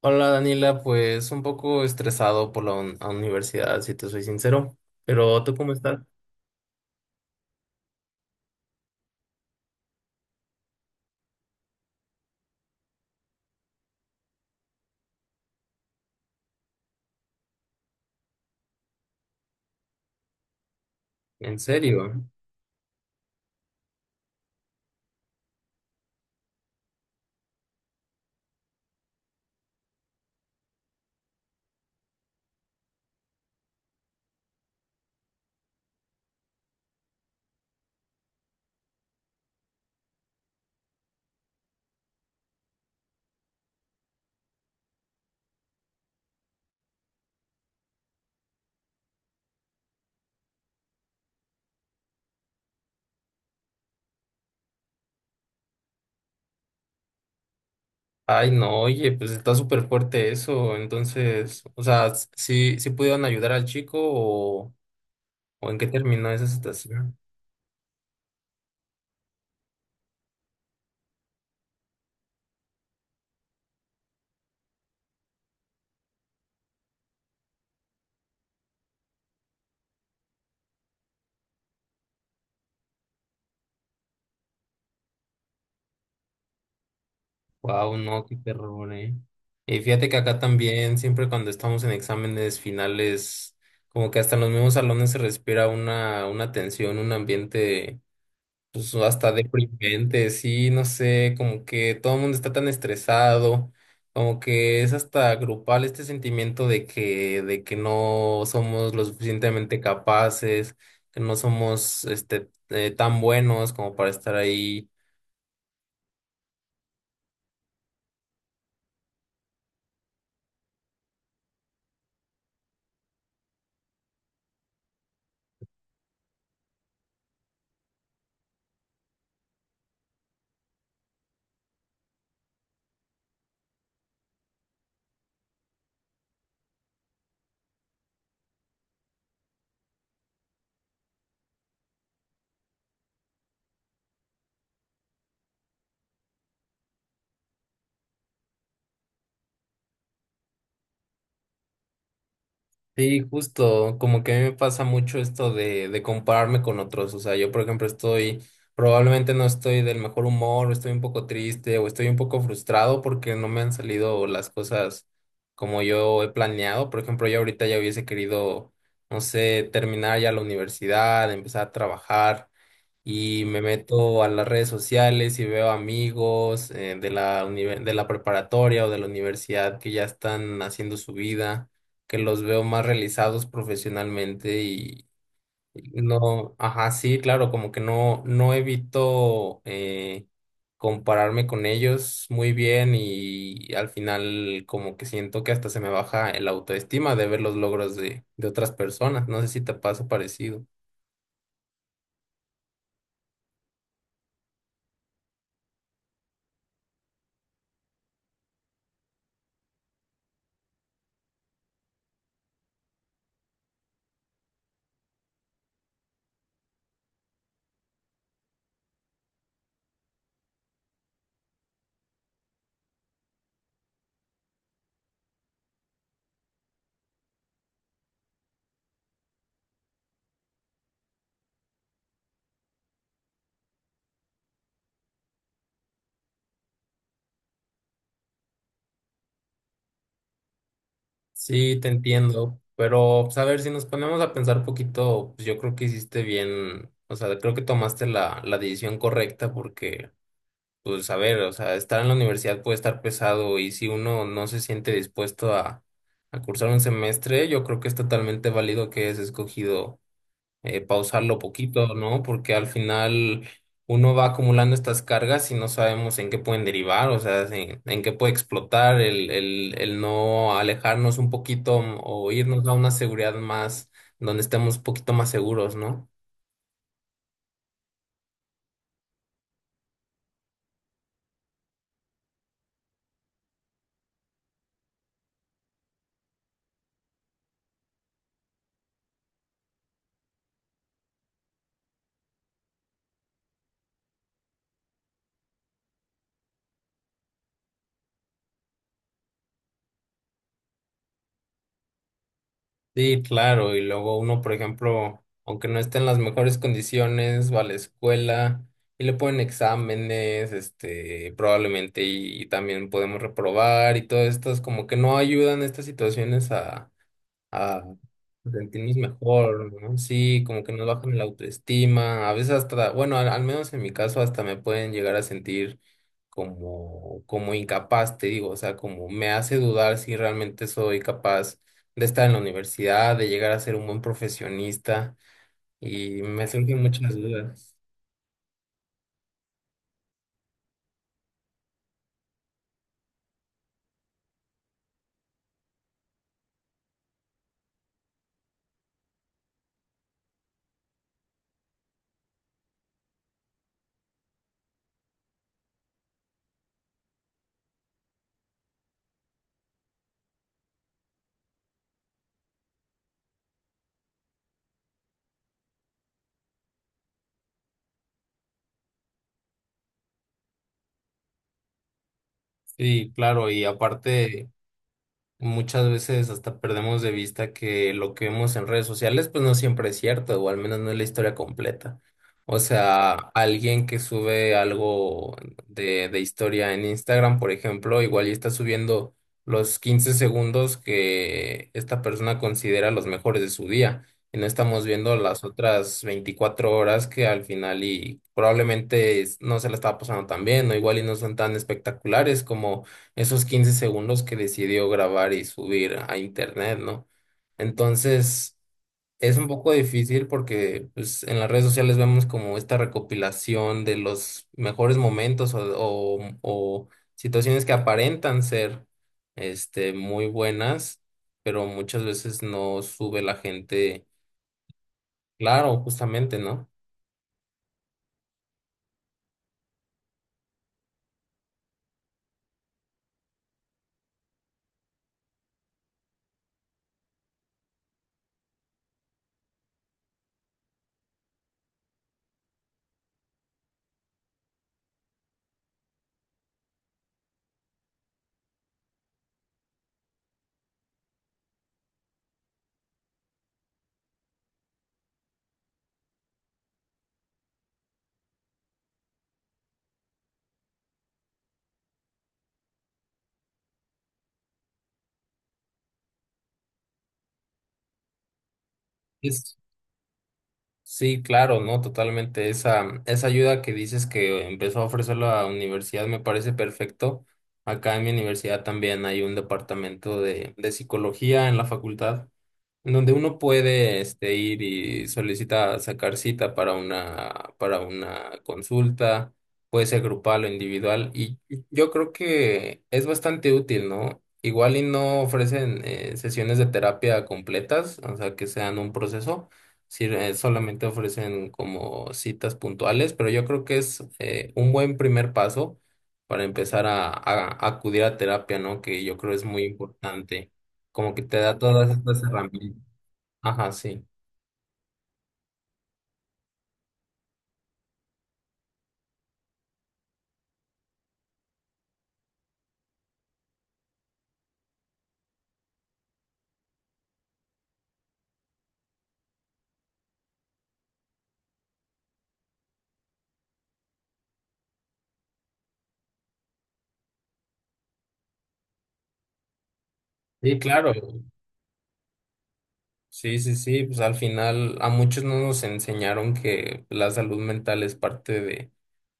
Hola Daniela, pues un poco estresado por la universidad, si te soy sincero, pero ¿tú cómo estás? ¿En serio? Ay, no, oye, pues está súper fuerte eso, entonces, o sea, ¿sí, sí pudieron ayudar al chico o en qué terminó esa situación? Wow, no, qué terror, Y fíjate que acá también, siempre cuando estamos en exámenes finales, como que hasta en los mismos salones se respira una tensión, un ambiente pues hasta deprimente, sí, no sé, como que todo el mundo está tan estresado, como que es hasta grupal este sentimiento de que no somos lo suficientemente capaces, que no somos tan buenos como para estar ahí. Sí, justo, como que a mí me pasa mucho esto de compararme con otros, o sea, yo por ejemplo estoy, probablemente no estoy del mejor humor, o estoy un poco triste, o estoy un poco frustrado porque no me han salido las cosas como yo he planeado. Por ejemplo, yo ahorita ya hubiese querido, no sé, terminar ya la universidad, empezar a trabajar, y me meto a las redes sociales y veo amigos de la preparatoria o de la universidad que ya están haciendo su vida, que los veo más realizados profesionalmente y no, ajá, sí, claro, como que no, no evito compararme con ellos muy bien, y al final como que siento que hasta se me baja el autoestima de ver los logros de otras personas. No sé si te pasa parecido. Sí, te entiendo, pero pues, a ver, si nos ponemos a pensar poquito, pues yo creo que hiciste bien, o sea, creo que tomaste la decisión correcta porque, pues a ver, o sea, estar en la universidad puede estar pesado y si uno no se siente dispuesto a cursar un semestre, yo creo que es totalmente válido que hayas escogido pausarlo poquito, ¿no? Porque al final uno va acumulando estas cargas y no sabemos en qué pueden derivar, o sea, en qué puede explotar el no alejarnos un poquito o irnos a una seguridad más, donde estemos un poquito más seguros, ¿no? Sí, claro, y luego uno, por ejemplo, aunque no esté en las mejores condiciones, va a la escuela. Y le ponen exámenes, este, probablemente, y también podemos reprobar y todo esto, es como que no ayudan estas situaciones a sentirnos mejor, ¿no? Sí, como que nos bajan la autoestima, a veces hasta, bueno, al menos en mi caso hasta me pueden llegar a sentir como, como incapaz, te digo, o sea, como me hace dudar si realmente soy capaz de estar en la universidad, de llegar a ser un buen profesionista y me surgen muchas dudas. Sí, claro, y aparte... Muchas veces hasta perdemos de vista que lo que vemos en redes sociales pues no siempre es cierto, o al menos no es la historia completa. O sea, alguien que sube algo de historia en Instagram, por ejemplo, igual y está subiendo los 15 segundos que esta persona considera los mejores de su día. Y no estamos viendo las otras 24 horas que al final y probablemente no se la estaba pasando tan bien, o igual y no son tan espectaculares como esos 15 segundos que decidió grabar y subir a internet, ¿no? Entonces, es un poco difícil porque pues, en las redes sociales vemos como esta recopilación de los mejores momentos o, o situaciones que aparentan ser este, muy buenas, pero muchas veces no sube la gente, claro, justamente, ¿no? Sí, claro, no, totalmente. Esa ayuda que dices que empezó a ofrecer la universidad me parece perfecto. Acá en mi universidad también hay un departamento de psicología en la facultad, en donde uno puede este, ir y solicita sacar cita para para una consulta, puede ser grupal o individual, y yo creo que es bastante útil, ¿no? Igual y no ofrecen sesiones de terapia completas, o sea, que sean un proceso. Sí, solamente ofrecen como citas puntuales, pero yo creo que es un buen primer paso para empezar a acudir a terapia, ¿no? Que yo creo es muy importante. Como que te da todas estas herramientas. Ajá, sí. Sí, claro. Sí, sí, sí, pues al final a muchos no nos enseñaron que la salud mental es parte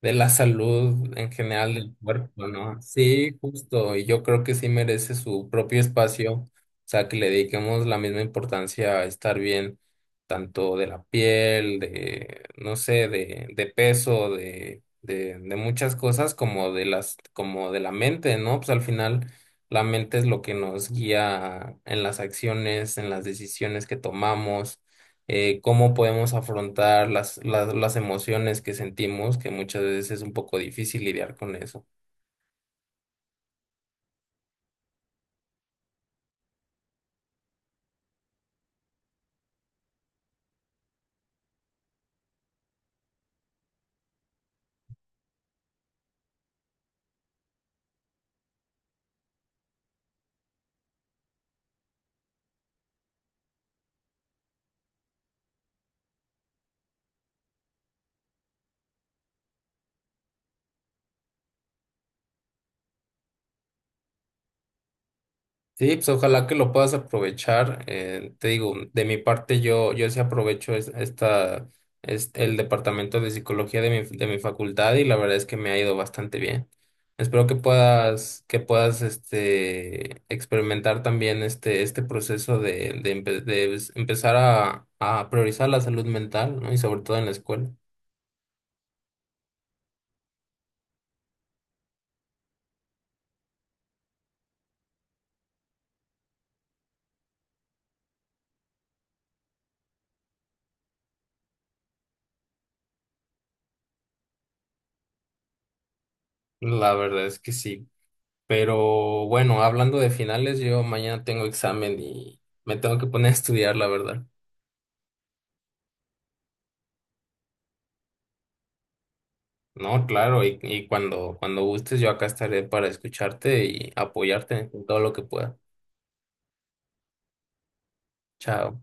de la salud en general del cuerpo, ¿no? Sí, justo, y yo creo que sí merece su propio espacio, o sea, que le dediquemos la misma importancia a estar bien, tanto de la piel, de, no sé, de peso, de muchas cosas, como de como de la mente, ¿no? Pues al final. La mente es lo que nos guía en las acciones, en las decisiones que tomamos, cómo podemos afrontar las emociones que sentimos, que muchas veces es un poco difícil lidiar con eso. Sí, pues ojalá que lo puedas aprovechar. Te digo, de mi parte yo sí aprovecho esta, es el departamento de psicología de mi facultad y la verdad es que me ha ido bastante bien. Espero que puedas este, experimentar también este proceso empezar a priorizar la salud mental, ¿no? Y sobre todo en la escuela. La verdad es que sí. Pero bueno, hablando de finales, yo mañana tengo examen y me tengo que poner a estudiar, la verdad. No, claro, y cuando, cuando gustes, yo acá estaré para escucharte y apoyarte en todo lo que pueda. Chao.